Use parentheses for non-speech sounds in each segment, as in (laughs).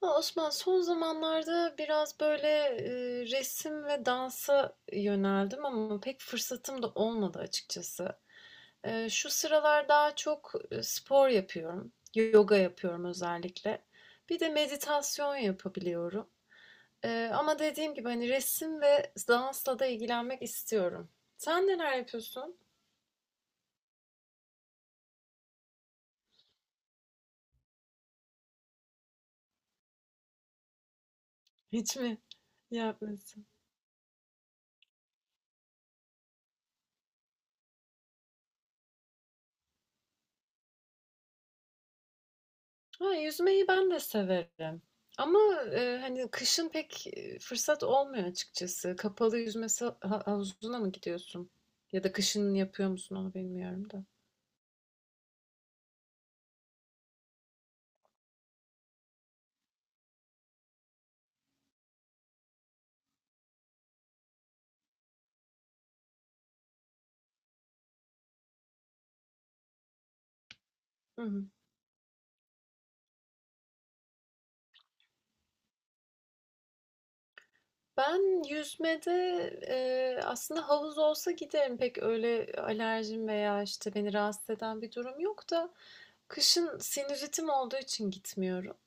Osman son zamanlarda biraz böyle resim ve dansa yöneldim ama pek fırsatım da olmadı açıkçası. Şu sıralar daha çok spor yapıyorum, yoga yapıyorum özellikle. Bir de meditasyon yapabiliyorum. Ama dediğim gibi hani resim ve dansla da ilgilenmek istiyorum. Sen neler yapıyorsun? Hiç mi yapmıyorsun? Ha, yüzmeyi ben de severim. Ama hani kışın pek fırsat olmuyor açıkçası. Kapalı yüzme havuzuna mı gidiyorsun? Ya da kışın yapıyor musun onu bilmiyorum da. Hı hı. Ben yüzmede aslında havuz olsa giderim. Pek öyle alerjim veya işte beni rahatsız eden bir durum yok da kışın sinüzitim olduğu için gitmiyorum.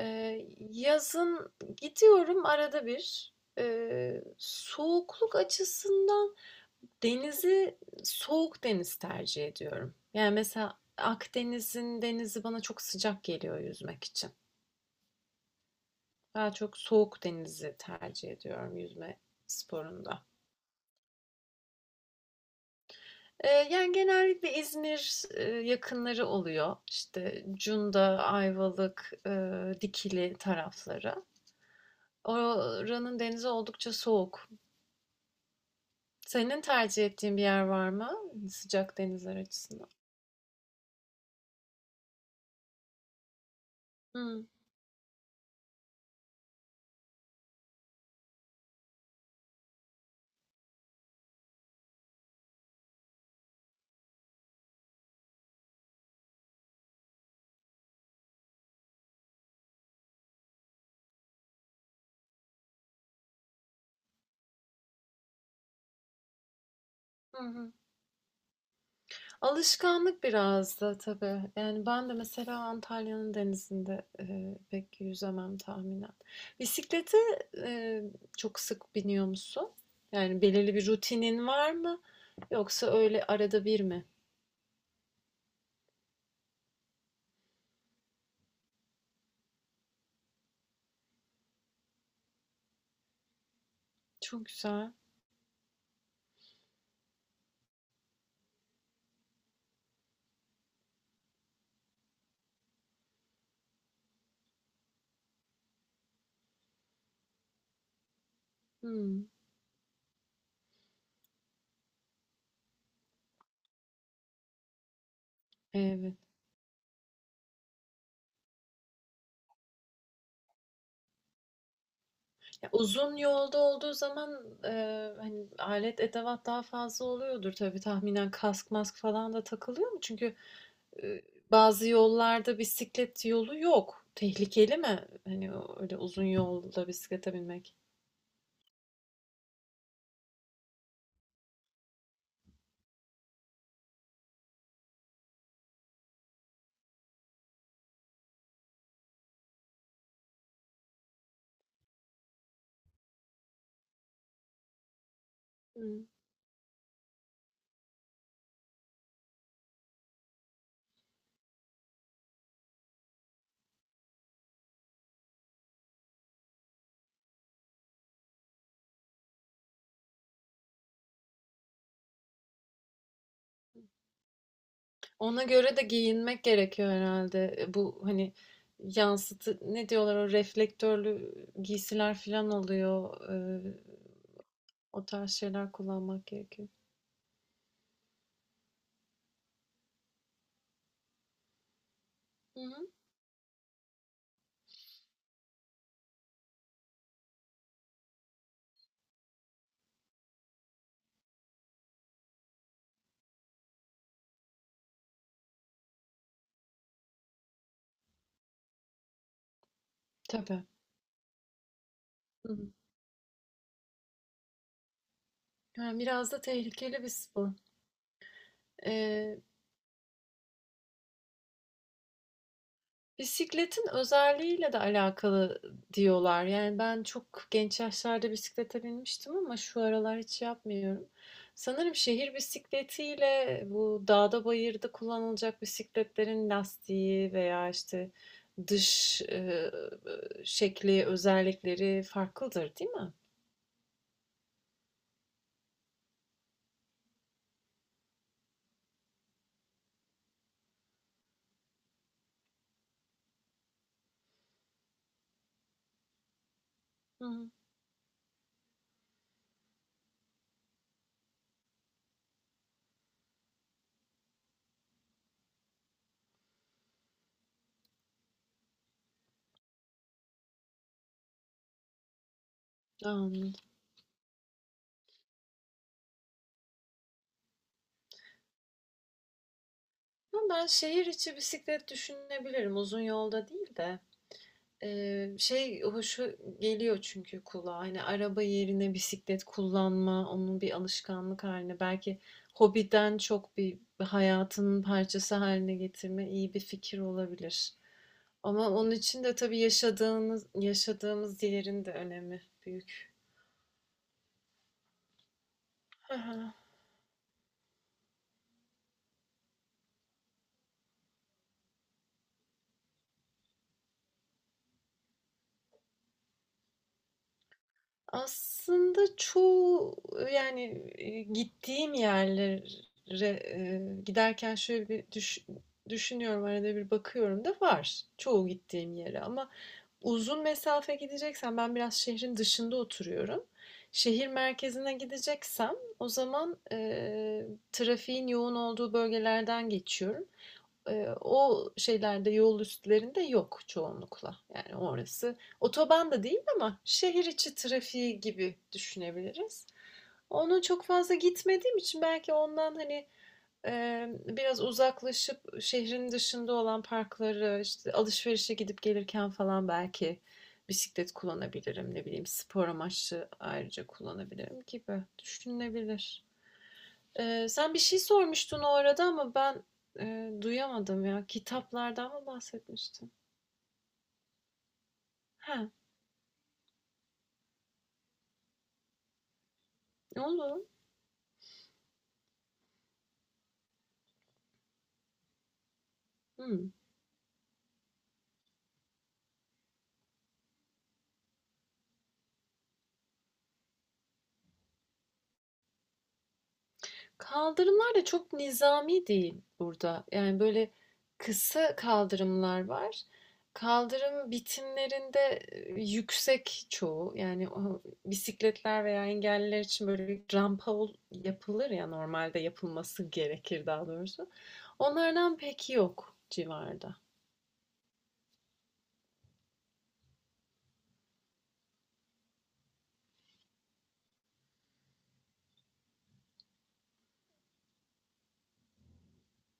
Yazın gidiyorum arada bir. E, soğukluk açısından Denizi, soğuk deniz tercih ediyorum. Yani mesela Akdeniz'in denizi bana çok sıcak geliyor yüzmek için. Daha çok soğuk denizi tercih ediyorum yüzme sporunda. Yani genellikle İzmir yakınları oluyor. İşte Cunda, Ayvalık, Dikili tarafları. Oranın denizi oldukça soğuk. Senin tercih ettiğin bir yer var mı? Sıcak denizler açısından. Hı, hı, hı. Alışkanlık biraz da tabii. Yani ben de mesela Antalya'nın denizinde pek yüzemem tahminen. Bisiklete e, çok sık biniyor musun? Yani belirli bir rutinin var mı? Yoksa öyle arada bir mi? Çok güzel. Hmm, evet. Ya uzun yolda olduğu zaman hani alet edevat daha fazla oluyordur tabii tahminen kask mask falan da takılıyor mu? Çünkü e, bazı yollarda bisiklet yolu yok. Tehlikeli mi? Hani öyle uzun yolda bisiklete binmek. Hmm. Ona göre de giyinmek gerekiyor herhalde. E, bu hani yansıtı ne diyorlar o reflektörlü giysiler falan oluyor. O tarz şeyler kullanmak gerekiyor. Hı hı. Tabii. Hı hı. Yani biraz da tehlikeli bir spor. E, bisikletin özelliğiyle de alakalı diyorlar. Yani ben çok genç yaşlarda bisiklete binmiştim ama şu aralar hiç yapmıyorum. Sanırım şehir bisikletiyle bu dağda bayırda kullanılacak bisikletlerin lastiği veya işte dış şekli özellikleri farklıdır, değil mi? Hı, anladım. Ama ben şehir içi bisiklet düşünebilirim. Uzun yolda değil de. Şey hoşu geliyor çünkü kulağa. Hani araba yerine bisiklet kullanma, onun bir alışkanlık haline, belki hobiden çok bir hayatının parçası haline getirme iyi bir fikir olabilir. Ama onun için de tabii yaşadığımız yerin de önemi büyük. (laughs) Aslında çoğu yani, gittiğim yerlere, giderken şöyle bir düşünüyorum, arada bir bakıyorum da var çoğu gittiğim yere ama uzun mesafe gideceksem ben biraz şehrin dışında oturuyorum. Şehir merkezine gideceksem o zaman, trafiğin yoğun olduğu bölgelerden geçiyorum. O şeylerde, yol üstlerinde yok çoğunlukla. Yani orası otoban da değil ama şehir içi trafiği gibi düşünebiliriz. Onun çok fazla gitmediğim için belki ondan hani biraz uzaklaşıp şehrin dışında olan parkları, işte alışverişe gidip gelirken falan belki bisiklet kullanabilirim. Ne bileyim spor amaçlı ayrıca kullanabilirim gibi düşünülebilir. Sen bir şey sormuştun orada ama ben duyamadım ya. Kitaplardan mı bahsetmiştin? He, olur. Hmm. Kaldırımlar da çok nizami değil burada. Yani böyle kısa kaldırımlar var. Kaldırım bitimlerinde yüksek çoğu. Yani o bisikletler veya engelliler için böyle bir rampa yapılır ya normalde yapılması gerekir daha doğrusu. Onlardan pek yok civarda.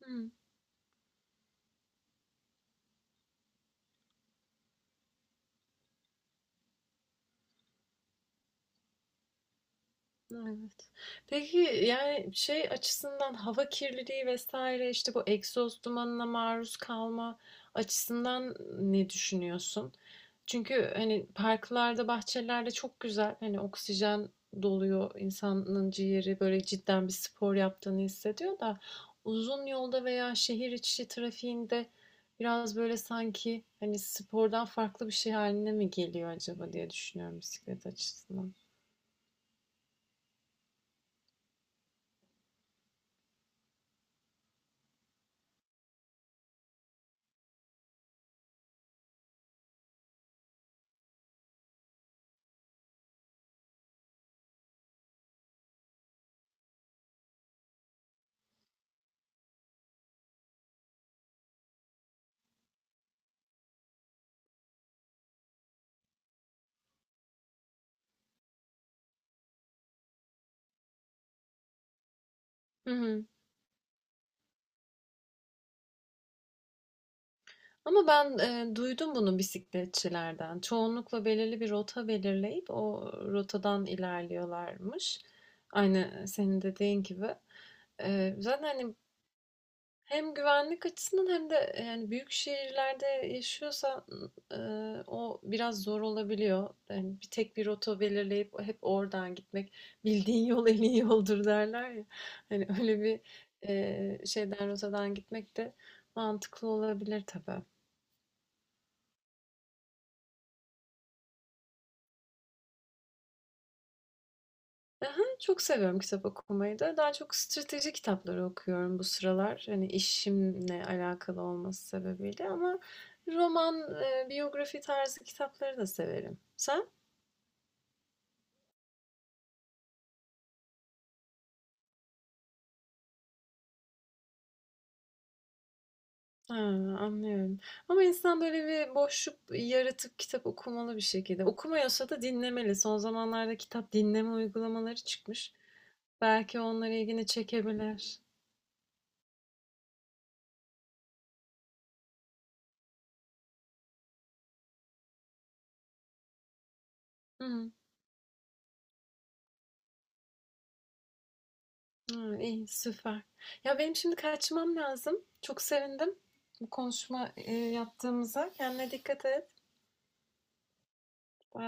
Hmm. Evet. Peki yani şey açısından hava kirliliği vesaire işte bu egzoz dumanına maruz kalma açısından ne düşünüyorsun? Çünkü hani parklarda, bahçelerde çok güzel hani oksijen doluyor insanın ciğeri böyle cidden bir spor yaptığını hissediyor da uzun yolda veya şehir içi trafiğinde biraz böyle sanki hani spordan farklı bir şey haline mi geliyor acaba diye düşünüyorum bisiklet açısından. Ama ben duydum bunu bisikletçilerden. Çoğunlukla belirli bir rota belirleyip o rotadan ilerliyorlarmış. Aynı senin dediğin gibi. Zaten hani hem güvenlik açısından hem de yani büyük şehirlerde yaşıyorsan e, o biraz zor olabiliyor. Yani bir tek bir rota belirleyip hep oradan gitmek bildiğin yol en iyi yoldur derler ya. Hani öyle bir e, şeyden rotadan gitmek de mantıklı olabilir tabii. Hı. Çok seviyorum kitap okumayı da. Daha çok strateji kitapları okuyorum bu sıralar. Hani işimle alakalı olması sebebiyle ama roman, biyografi tarzı kitapları da severim. Sen? Ha, anlıyorum. Ama insan böyle bir boşluk yaratıp kitap okumalı bir şekilde. Okumuyorsa da dinlemeli. Son zamanlarda kitap dinleme uygulamaları çıkmış. Belki onlar ilgini çekebilir. Hı. Hımm, iyi, süper. Ya, benim şimdi kaçmam lazım. Çok sevindim bu konuşma yaptığımıza. Kendine dikkat et. Bay